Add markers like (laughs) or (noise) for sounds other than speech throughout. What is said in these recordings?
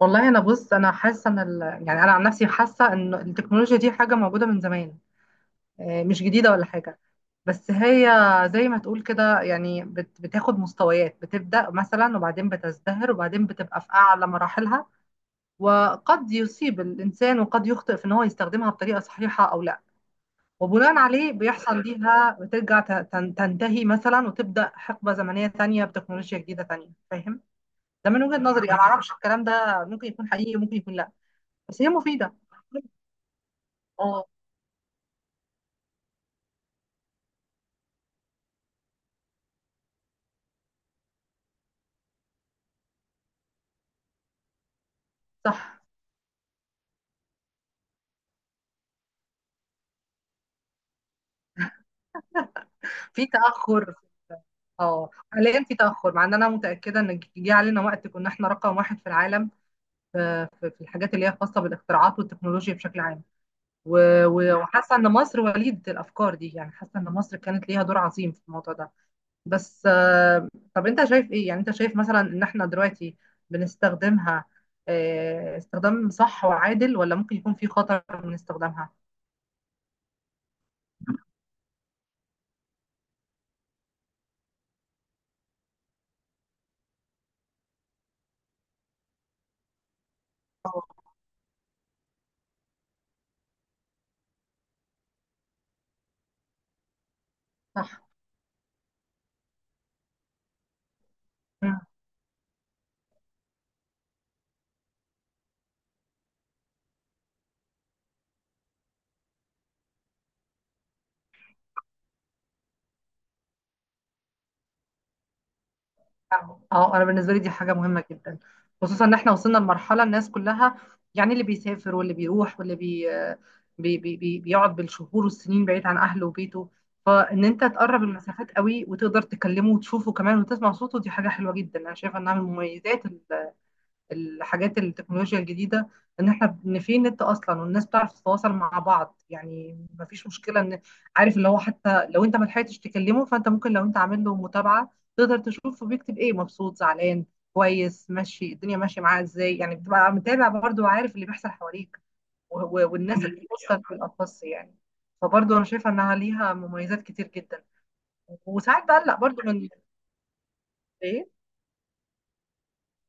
والله انا بص انا حاسه ان يعني انا عن نفسي حاسه ان التكنولوجيا دي حاجه موجوده من زمان. آه، مش جديده ولا حاجه. بس هي زي ما تقول كده، يعني بتاخد مستويات، بتبدا مثلا وبعدين بتزدهر وبعدين بتبقى في اعلى مراحلها. وقد يصيب الانسان وقد يخطئ في ان هو يستخدمها بطريقه صحيحه او لا. وبناء عليه بيحصل ليها بترجع تنتهي مثلا وتبدا حقبه زمنيه تانية بتكنولوجيا جديده تانية، فاهم؟ ده من وجهه نظري انا، ما اعرفش الكلام ده ممكن يكون حقيقي ممكن يكون لا. بس هي مفيدة. اه، صح. في تأخر. اه، حاليا في تأخر، مع ان انا متأكدة ان جه علينا وقت كنا احنا رقم واحد في العالم. في الحاجات اللي هي خاصة بالاختراعات والتكنولوجيا بشكل عام. وحاسة ان مصر وليدة الافكار دي، يعني حاسة ان مصر كانت ليها دور عظيم في الموضوع ده. بس طب انت شايف ايه؟ يعني انت شايف مثلا ان احنا دلوقتي بنستخدمها استخدام صح وعادل، ولا ممكن يكون في خطر من استخدامها؟ اه، صح. اه، انا بالنسبه لي دي حاجه مهمه جدا، خصوصا ان احنا وصلنا لمرحله الناس كلها، يعني اللي بيسافر واللي بيروح واللي بي بي بي بي بيقعد بالشهور والسنين بعيد عن اهله وبيته. فان انت تقرب المسافات قوي وتقدر تكلمه وتشوفه كمان وتسمع صوته، دي حاجه حلوه جدا، انا شايفه انها من المميزات، الحاجات التكنولوجيا الجديدة. ان احنا ان في نت اصلا والناس بتعرف تتواصل مع بعض، يعني مفيش مشكلة ان عارف اللي هو حتى لو انت ما لحقتش تكلمه، فانت ممكن لو انت عامل له متابعة تقدر تشوف بيكتب ايه، مبسوط، زعلان، كويس، ماشي، الدنيا ماشية معاه ازاي، يعني بتبقى متابع برضه وعارف اللي بيحصل حواليك. والناس اللي بتوصل في الأخص يعني، فبرضه انا شايفة انها ليها مميزات كتير جدا. وساعات بقلق برضه من ايه،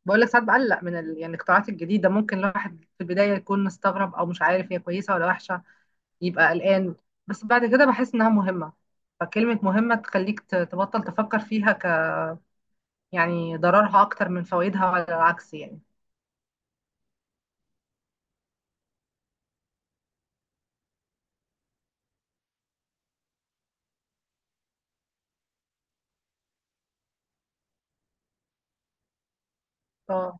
بقول لك ساعات بقلق من يعني الاختراعات الجديده، ممكن الواحد في البدايه يكون مستغرب او مش عارف هي كويسه ولا وحشه، يبقى قلقان. بس بعد كده بحس انها مهمه، فكلمه مهمه تخليك تبطل تفكر فيها، ك يعني ضررها اكتر من فوائدها ولا العكس يعني. اه،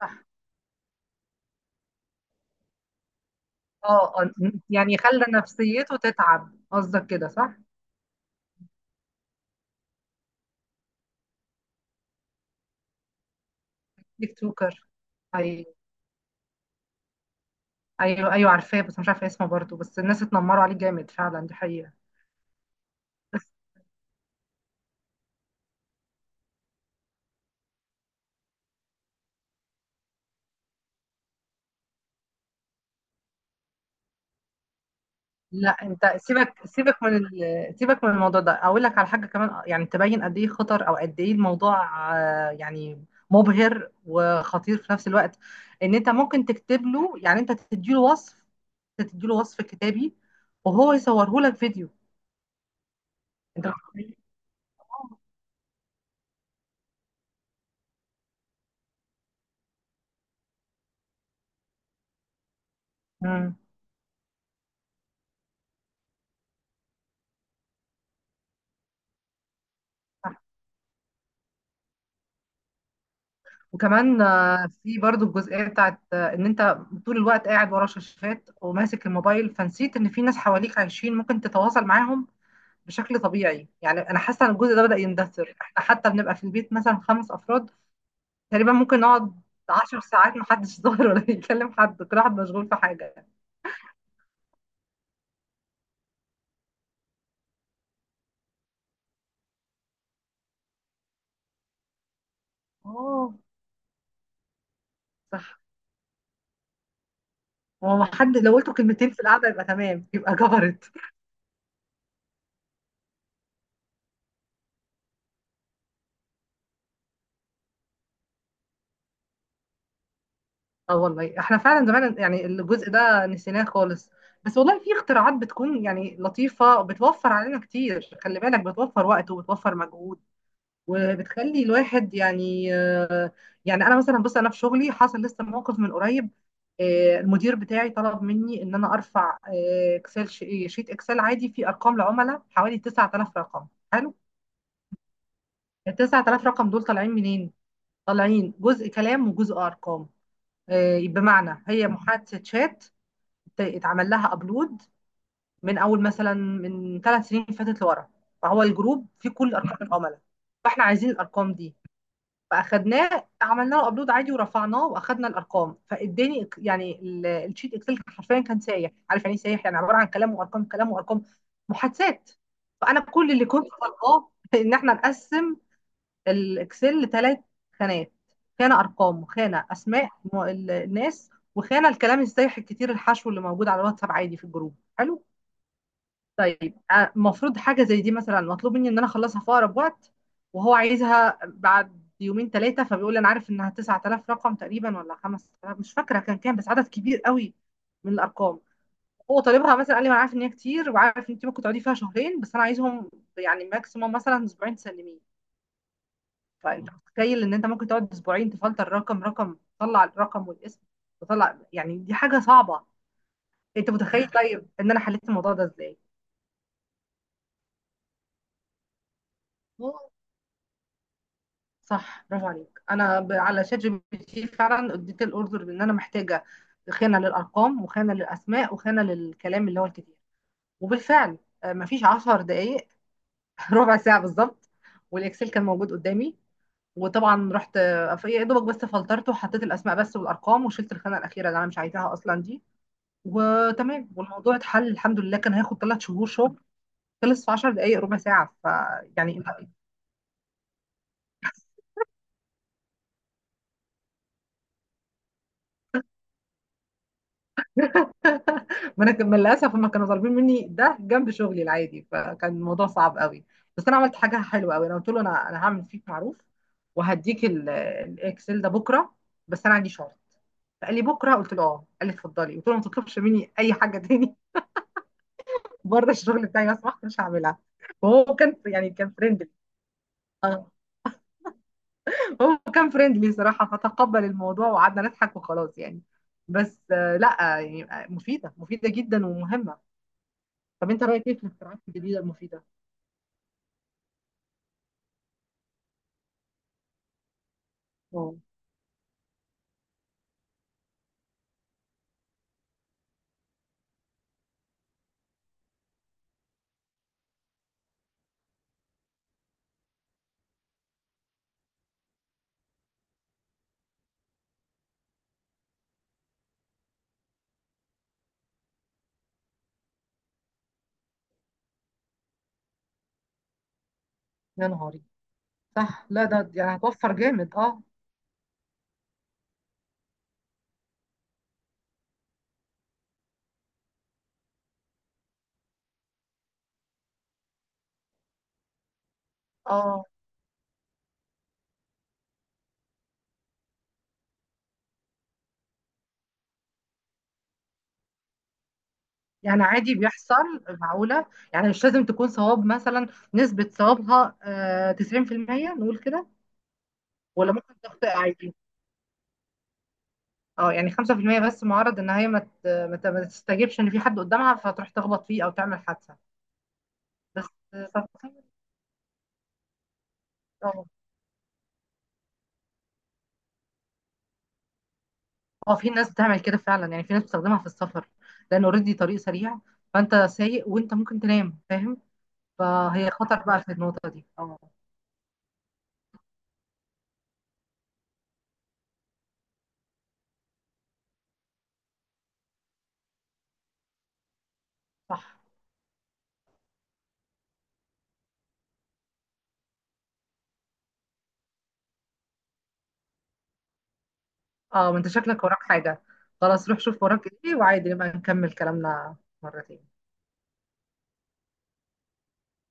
صح. اه، يعني خلى نفسيته تتعب قصدك كده، صح؟ ديك توكر. ايوه. ايوه، ايوه، عارفاه بس مش عارفه اسمه برضه، بس الناس اتنمروا عليه جامد فعلا، دي حقيقه. لا، انت سيبك سيبك من سيبك من الموضوع ده، اقول لك على حاجه كمان يعني تبين قد ايه خطر او قد ايه الموضوع، يعني مبهر وخطير في نفس الوقت. ان انت ممكن تكتب له، يعني انت تديله وصف، تديله وصف كتابي، وهو يصوره لك فيديو. انت متخيل؟ مم. صح. وكمان في برضو الجزئيه بتاعت ان انت طول الوقت قاعد ورا شاشات وماسك الموبايل، فنسيت ان في ناس حواليك عايشين ممكن تتواصل معاهم بشكل طبيعي. يعني انا حاسه ان الجزء ده بدأ يندثر، احنا حتى بنبقى في البيت مثلا 5 افراد تقريبا ممكن نقعد 10 ساعات محدش (laughs) ظاهر ولا يكلم حد، كل واحد مشغول في حاجه. اه، صح. هو ما حد لو قلتوا كلمتين في القعده يبقى تمام، يبقى جبرت. اه، والله احنا فعلا زمان يعني الجزء ده نسيناه خالص. بس والله في اختراعات بتكون يعني لطيفه وبتوفر علينا كتير، خلي بالك بتوفر وقت وبتوفر مجهود وبتخلي الواحد يعني يعني انا مثلا بص انا في شغلي حصل لسه موقف من قريب. المدير بتاعي طلب مني ان انا ارفع اكسل ش- إيه، شيت اكسل عادي فيه ارقام لعملاء حوالي 9000 رقم. حلو. ال 9000 رقم دول طالعين منين؟ طالعين جزء كلام وجزء ارقام، بمعنى هي محادثه شات اتعمل لها ابلود من اول مثلا من 3 سنين فاتت لورا، فهو الجروب فيه كل ارقام العملاء، فاحنا عايزين الارقام دي. فاخدناه عملنا له ابلود عادي ورفعناه واخدنا الارقام، فاداني يعني الشيت اكسل حرفيا كان سايح. عارف يعني ايه سايح؟ يعني عباره عن كلام وارقام، كلام وارقام، محادثات. فانا كل اللي كنت طالباه (laughs) ان احنا نقسم الاكسل لثلاث خانات، خانه ارقام وخانه اسماء الناس، وخانه الكلام السايح الكتير الحشو اللي موجود على الواتساب عادي في الجروب. حلو. طيب، المفروض حاجة زي دي مثلا مطلوب مني ان انا اخلصها في اقرب وقت، وهو عايزها بعد يومين ثلاثة. فبيقول انا عارف انها 9000 رقم تقريبا ولا 5000، مش فاكرة كان كام بس عدد كبير قوي من الارقام. هو طالبها مثلا، قال لي ما انا عارف ان هي كتير وعارف ان انت ممكن تقعدي فيها شهرين، بس انا عايزهم يعني ماكسيموم مثلا اسبوعين تسلميه. فانت متخيل ان انت ممكن تقعد اسبوعين تفلتر رقم رقم تطلع الرقم والاسم تطلع، يعني دي حاجة صعبة. انت متخيل طيب ان انا حليت الموضوع ده ازاي؟ صح، برافو عليك. انا على شات جي بي تي فعلا اديت الاوردر، لان انا محتاجه خانه للارقام وخانه للاسماء وخانه للكلام اللي هو الكتير. وبالفعل مفيش 10 دقايق، (laughs) ربع ساعه بالظبط، والاكسل كان موجود قدامي. وطبعا رحت يا دوبك بس فلترته وحطيت الاسماء بس والارقام وشلت الخانه الاخيره اللي انا مش عايزاها اصلا دي، وتمام، والموضوع اتحل الحمد لله. كان هياخد 3 شهور شغل، خلص في 10 دقائق ربع ساعه، فيعني ما انا كان- للاسف هم كانوا طالبين مني ده جنب شغلي العادي، فكان الموضوع صعب قوي. بس انا عملت حاجه حلوه قوي، انا قلت له انا هعمل فيك معروف وهديك الاكسل ده بكره، بس انا عندي شغل. فقال لي بكره؟ قلت له اه. قال لي اتفضلي. قلت له ما تطلبش مني اي حاجه تاني (laughs) بره الشغل بتاعي لو سمحت، مش هعملها. وهو كان يعني كان فريندلي. اه، هو كان فريندلي صراحه، فتقبل الموضوع وقعدنا نضحك وخلاص يعني. بس لا يعني مفيده مفيده جدا ومهمه. طب انت رايك ايه في الاختراعات الجديده المفيده؟ أوه. يا نهاري. صح، لا ده يعني هتوفر جامد، اه. اه، يعني عادي بيحصل. معقولة، يعني مش لازم تكون صواب مثلا، نسبة صوابها 90%، نقول كده. ولا ممكن تخطئ عادي. اه يعني 5%، بس معرض ان هي ما تستجيبش ان في حد قدامها فتروح تخبط فيه او تعمل حادثة. بس آه، اه، في ناس بتعمل كده فعلا، يعني في ناس بتستخدمها في السفر لان اوريدي طريق سريع، فانت سايق وانت ممكن تنام، فاهم؟ فهي خطر بقى في النقطة دي، اه. صح. اه، ما انت شكلك وراك حاجة، خلاص روح شوف وراك ايه وعادي نبقى نكمل كلامنا مرة تاني.